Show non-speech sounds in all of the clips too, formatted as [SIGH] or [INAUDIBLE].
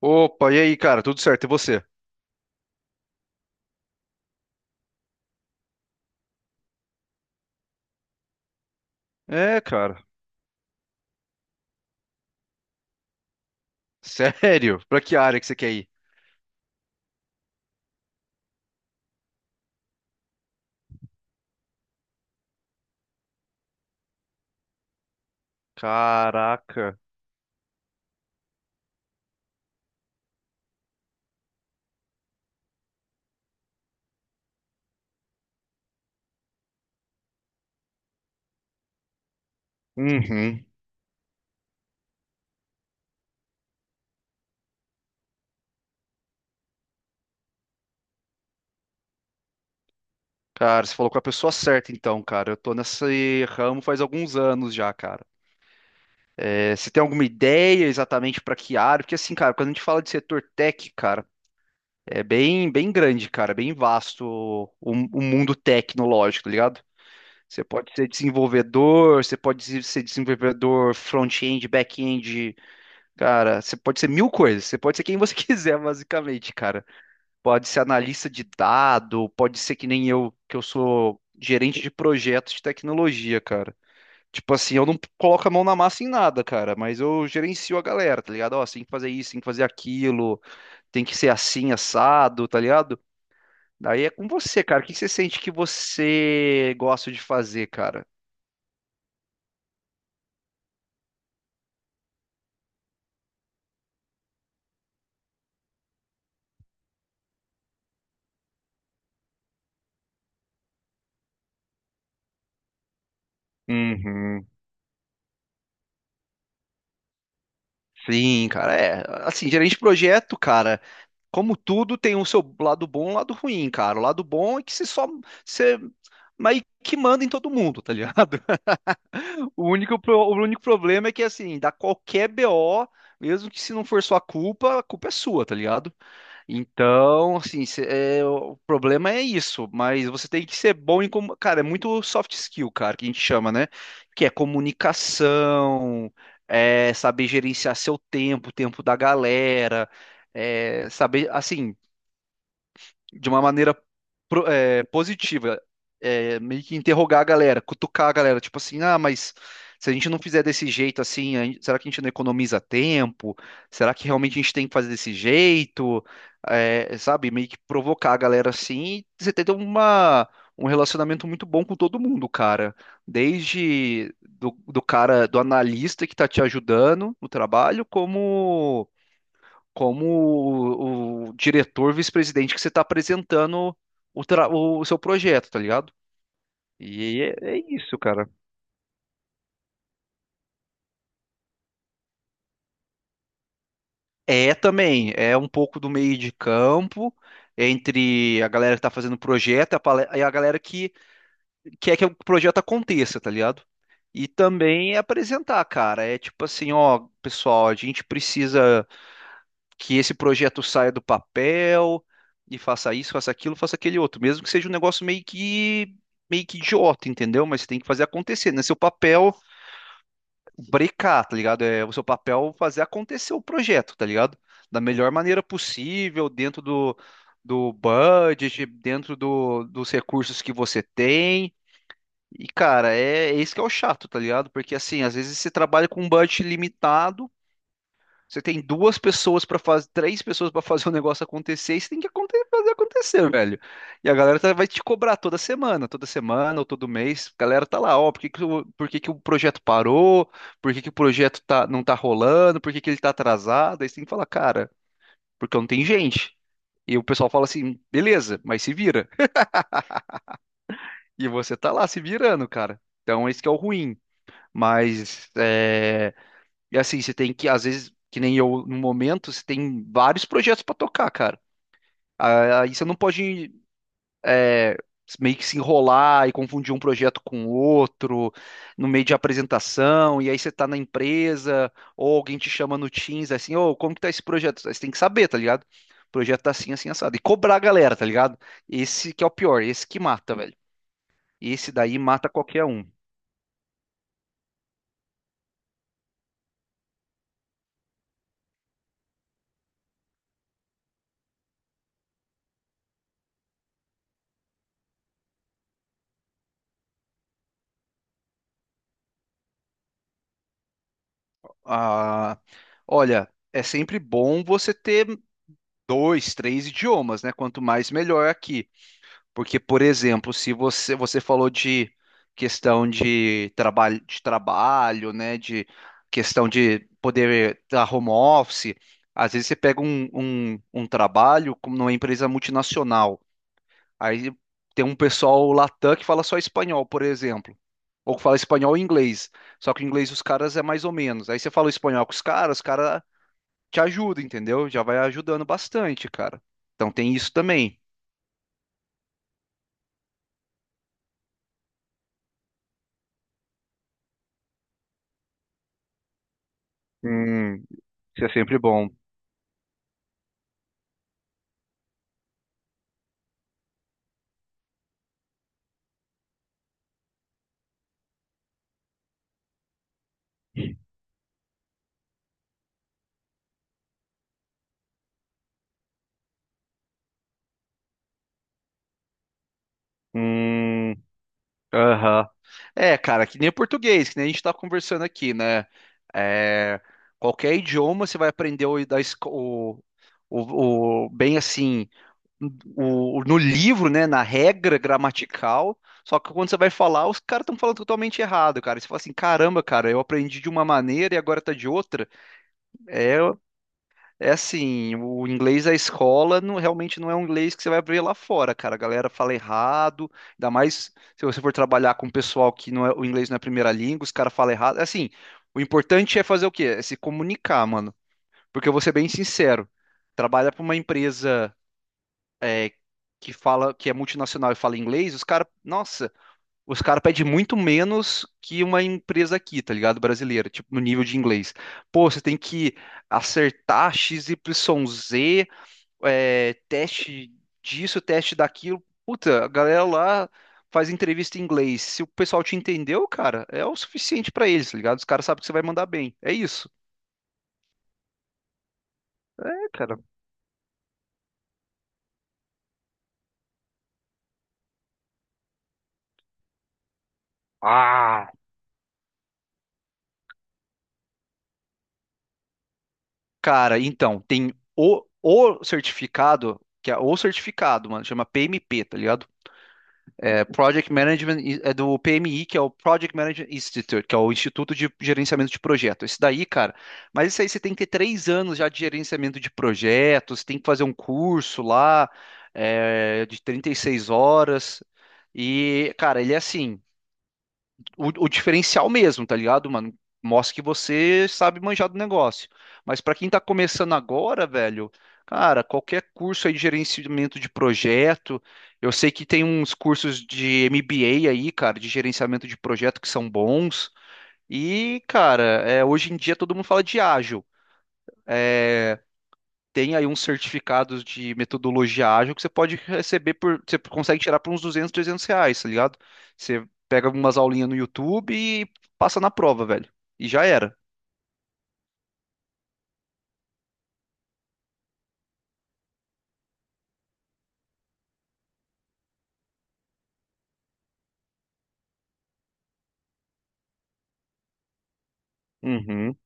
Opa, e aí, cara? Tudo certo? E você? É, cara. [LAUGHS] Sério? Pra que área que você quer ir? Caraca. Uhum. Cara, você falou com a pessoa certa, então, cara. Eu tô nesse ramo faz alguns anos já, cara. É, você tem alguma ideia exatamente pra que área? Porque, assim, cara, quando a gente fala de setor tech, cara, é bem, bem grande, cara. É bem vasto o mundo tecnológico, tá ligado? Você pode ser desenvolvedor, você pode ser desenvolvedor front-end, back-end. Cara, você pode ser mil coisas, você pode ser quem você [LAUGHS] quiser, basicamente, cara. Pode ser analista de dado, pode ser que nem eu, que eu sou gerente de projetos de tecnologia, cara. Tipo assim, eu não coloco a mão na massa em nada, cara, mas eu gerencio a galera, tá ligado? Ó, você tem que fazer isso, tem que fazer aquilo, tem que ser assim, assado, tá ligado? Daí é com você, cara. O que você sente que você gosta de fazer, cara? Uhum. Sim, cara, é. Assim, gerente de projeto, cara. Como tudo tem o seu lado bom e o lado ruim, cara. O lado bom é que você só você mas que manda em todo mundo, tá ligado? [LAUGHS] O único problema é que, assim, dá qualquer BO, mesmo que se não for sua culpa, a culpa é sua, tá ligado? Então, assim, o problema é isso, mas você tem que ser bom em. Como, cara, é muito soft skill, cara, que a gente chama, né? Que é comunicação, é saber gerenciar seu tempo, o tempo da galera, é saber, assim, de uma maneira, positiva, é, meio que interrogar a galera, cutucar a galera, tipo assim, ah, mas se a gente não fizer desse jeito assim, será que a gente não economiza tempo? Será que realmente a gente tem que fazer desse jeito? É, sabe, meio que provocar a galera assim, e você ter uma um relacionamento muito bom com todo mundo, cara. Desde do cara, do analista que tá te ajudando no trabalho, como o diretor, vice-presidente que você está apresentando o seu projeto, tá ligado? E é isso, cara. É também, é um pouco do meio de campo entre a galera que tá fazendo o projeto e e a galera que quer que o projeto aconteça, tá ligado? E também é apresentar, cara. É tipo assim, ó, pessoal, a gente precisa que esse projeto saia do papel e faça isso, faça aquilo, faça aquele outro, mesmo que seja um negócio meio que idiota, entendeu? Mas você tem que fazer acontecer, né? Seu papel brecar, tá ligado? É o seu papel fazer acontecer o projeto, tá ligado? Da melhor maneira possível, dentro do budget, dos recursos que você tem. E, cara, é isso que é o chato, tá ligado? Porque, assim, às vezes você trabalha com um budget limitado. Você tem duas pessoas para fazer, três pessoas para fazer o negócio acontecer, e você tem que fazer acontecer, velho. E a galera vai te cobrar toda semana ou todo mês. A galera tá lá, ó, por que que o projeto parou? Por que que o projeto não tá rolando? Por que que ele tá atrasado? Aí você tem que falar, cara, porque não tem gente. E o pessoal fala assim, beleza, mas se vira. E você tá lá se virando, cara. Então esse que é o ruim. Mas é, e assim, você tem que, às vezes, que nem eu, no momento, você tem vários projetos pra tocar, cara. Ah, aí você não pode, é, meio que se enrolar e confundir um projeto com outro no meio de apresentação, e aí você tá na empresa, ou alguém te chama no Teams, assim, ô, como que tá esse projeto? Aí você tem que saber, tá ligado? O projeto tá assim, assim, assado. E cobrar a galera, tá ligado? Esse que é o pior, esse que mata, velho. Esse daí mata qualquer um. Ah, olha, é sempre bom você ter dois, três idiomas, né? Quanto mais melhor aqui. Porque, por exemplo, se você falou de questão de trabalho, né? De questão de poder dar home office, às vezes você pega um trabalho como numa empresa multinacional. Aí tem um pessoal latam que fala só espanhol, por exemplo. Ou que fala espanhol e inglês. Só que o inglês dos caras é mais ou menos. Aí você fala o espanhol com os caras te ajuda, entendeu? Já vai ajudando bastante, cara. Então tem isso também. Hum, isso é sempre bom. Hum, aham. É, cara, que nem o português, que nem a gente tá conversando aqui, né? É, qualquer idioma você vai aprender o, da esco- o- bem assim, no livro, né? Na regra gramatical. Só que quando você vai falar, os caras estão falando totalmente errado, cara. E você fala assim, caramba, cara, eu aprendi de uma maneira e agora tá de outra. É, É, assim, o inglês da escola realmente não é um inglês que você vai ver lá fora, cara. A galera fala errado, ainda mais se você for trabalhar com um pessoal que não é, o inglês não é a primeira língua, os caras falam errado. Assim, o importante é fazer o quê? É se comunicar, mano. Porque eu vou ser bem sincero, trabalha para uma empresa, é, que fala que é multinacional e fala inglês, os caras, nossa, os caras pedem muito menos que uma empresa aqui, tá ligado? Brasileira, tipo, no nível de inglês. Pô, você tem que acertar x XYZ, teste disso, teste daquilo. Puta, a galera lá faz entrevista em inglês. Se o pessoal te entendeu, cara, é o suficiente pra eles, tá ligado? Os caras sabem que você vai mandar bem. É isso. É, cara. Ah, cara, então, tem o certificado, que é o certificado, mano, chama PMP, tá ligado? Project Management é do PMI, que é o Project Management Institute, que é o Instituto de Gerenciamento de Projetos. Isso daí, cara, mas isso aí você tem que ter 3 anos já de gerenciamento de projetos, tem que fazer um curso lá, de 36 horas. E, cara, ele é assim, o diferencial mesmo, tá ligado, mano? Mostra que você sabe manjar do negócio. Mas pra quem tá começando agora, velho, cara, qualquer curso aí de gerenciamento de projeto, eu sei que tem uns cursos de MBA aí, cara, de gerenciamento de projeto que são bons. E, cara, hoje em dia todo mundo fala de ágil, tem aí uns certificados de metodologia ágil que você pode você consegue tirar por uns 200 300 reais, tá ligado? Você pega umas aulinhas no YouTube e passa na prova, velho. E já era. Uhum,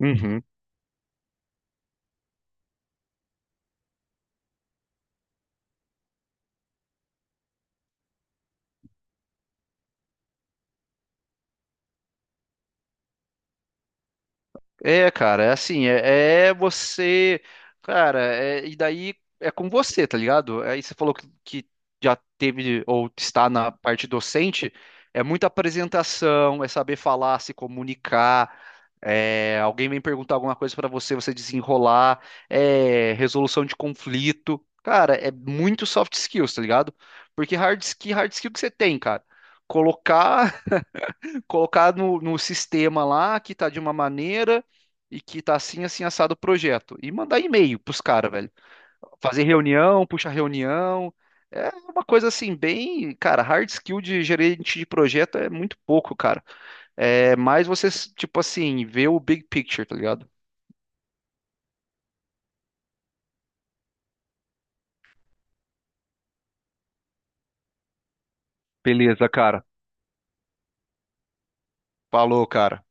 uhum. É, cara, é assim, é você, cara, e daí é com você, tá ligado? Aí você falou que já teve ou está na parte docente, é muita apresentação, é saber falar, se comunicar, alguém vem perguntar alguma coisa pra você, você desenrolar, é resolução de conflito, cara, é muito soft skills, tá ligado? Porque hard skill que você tem, cara, colocar colocar no sistema lá que tá de uma maneira e que tá assim, assim, assado o projeto. E mandar e-mail pros caras, velho. Fazer reunião, puxar reunião. É uma coisa assim, bem, cara, hard skill de gerente de projeto é muito pouco, cara. É mais você, tipo assim, ver o big picture, tá ligado? Beleza, cara. Falou, cara.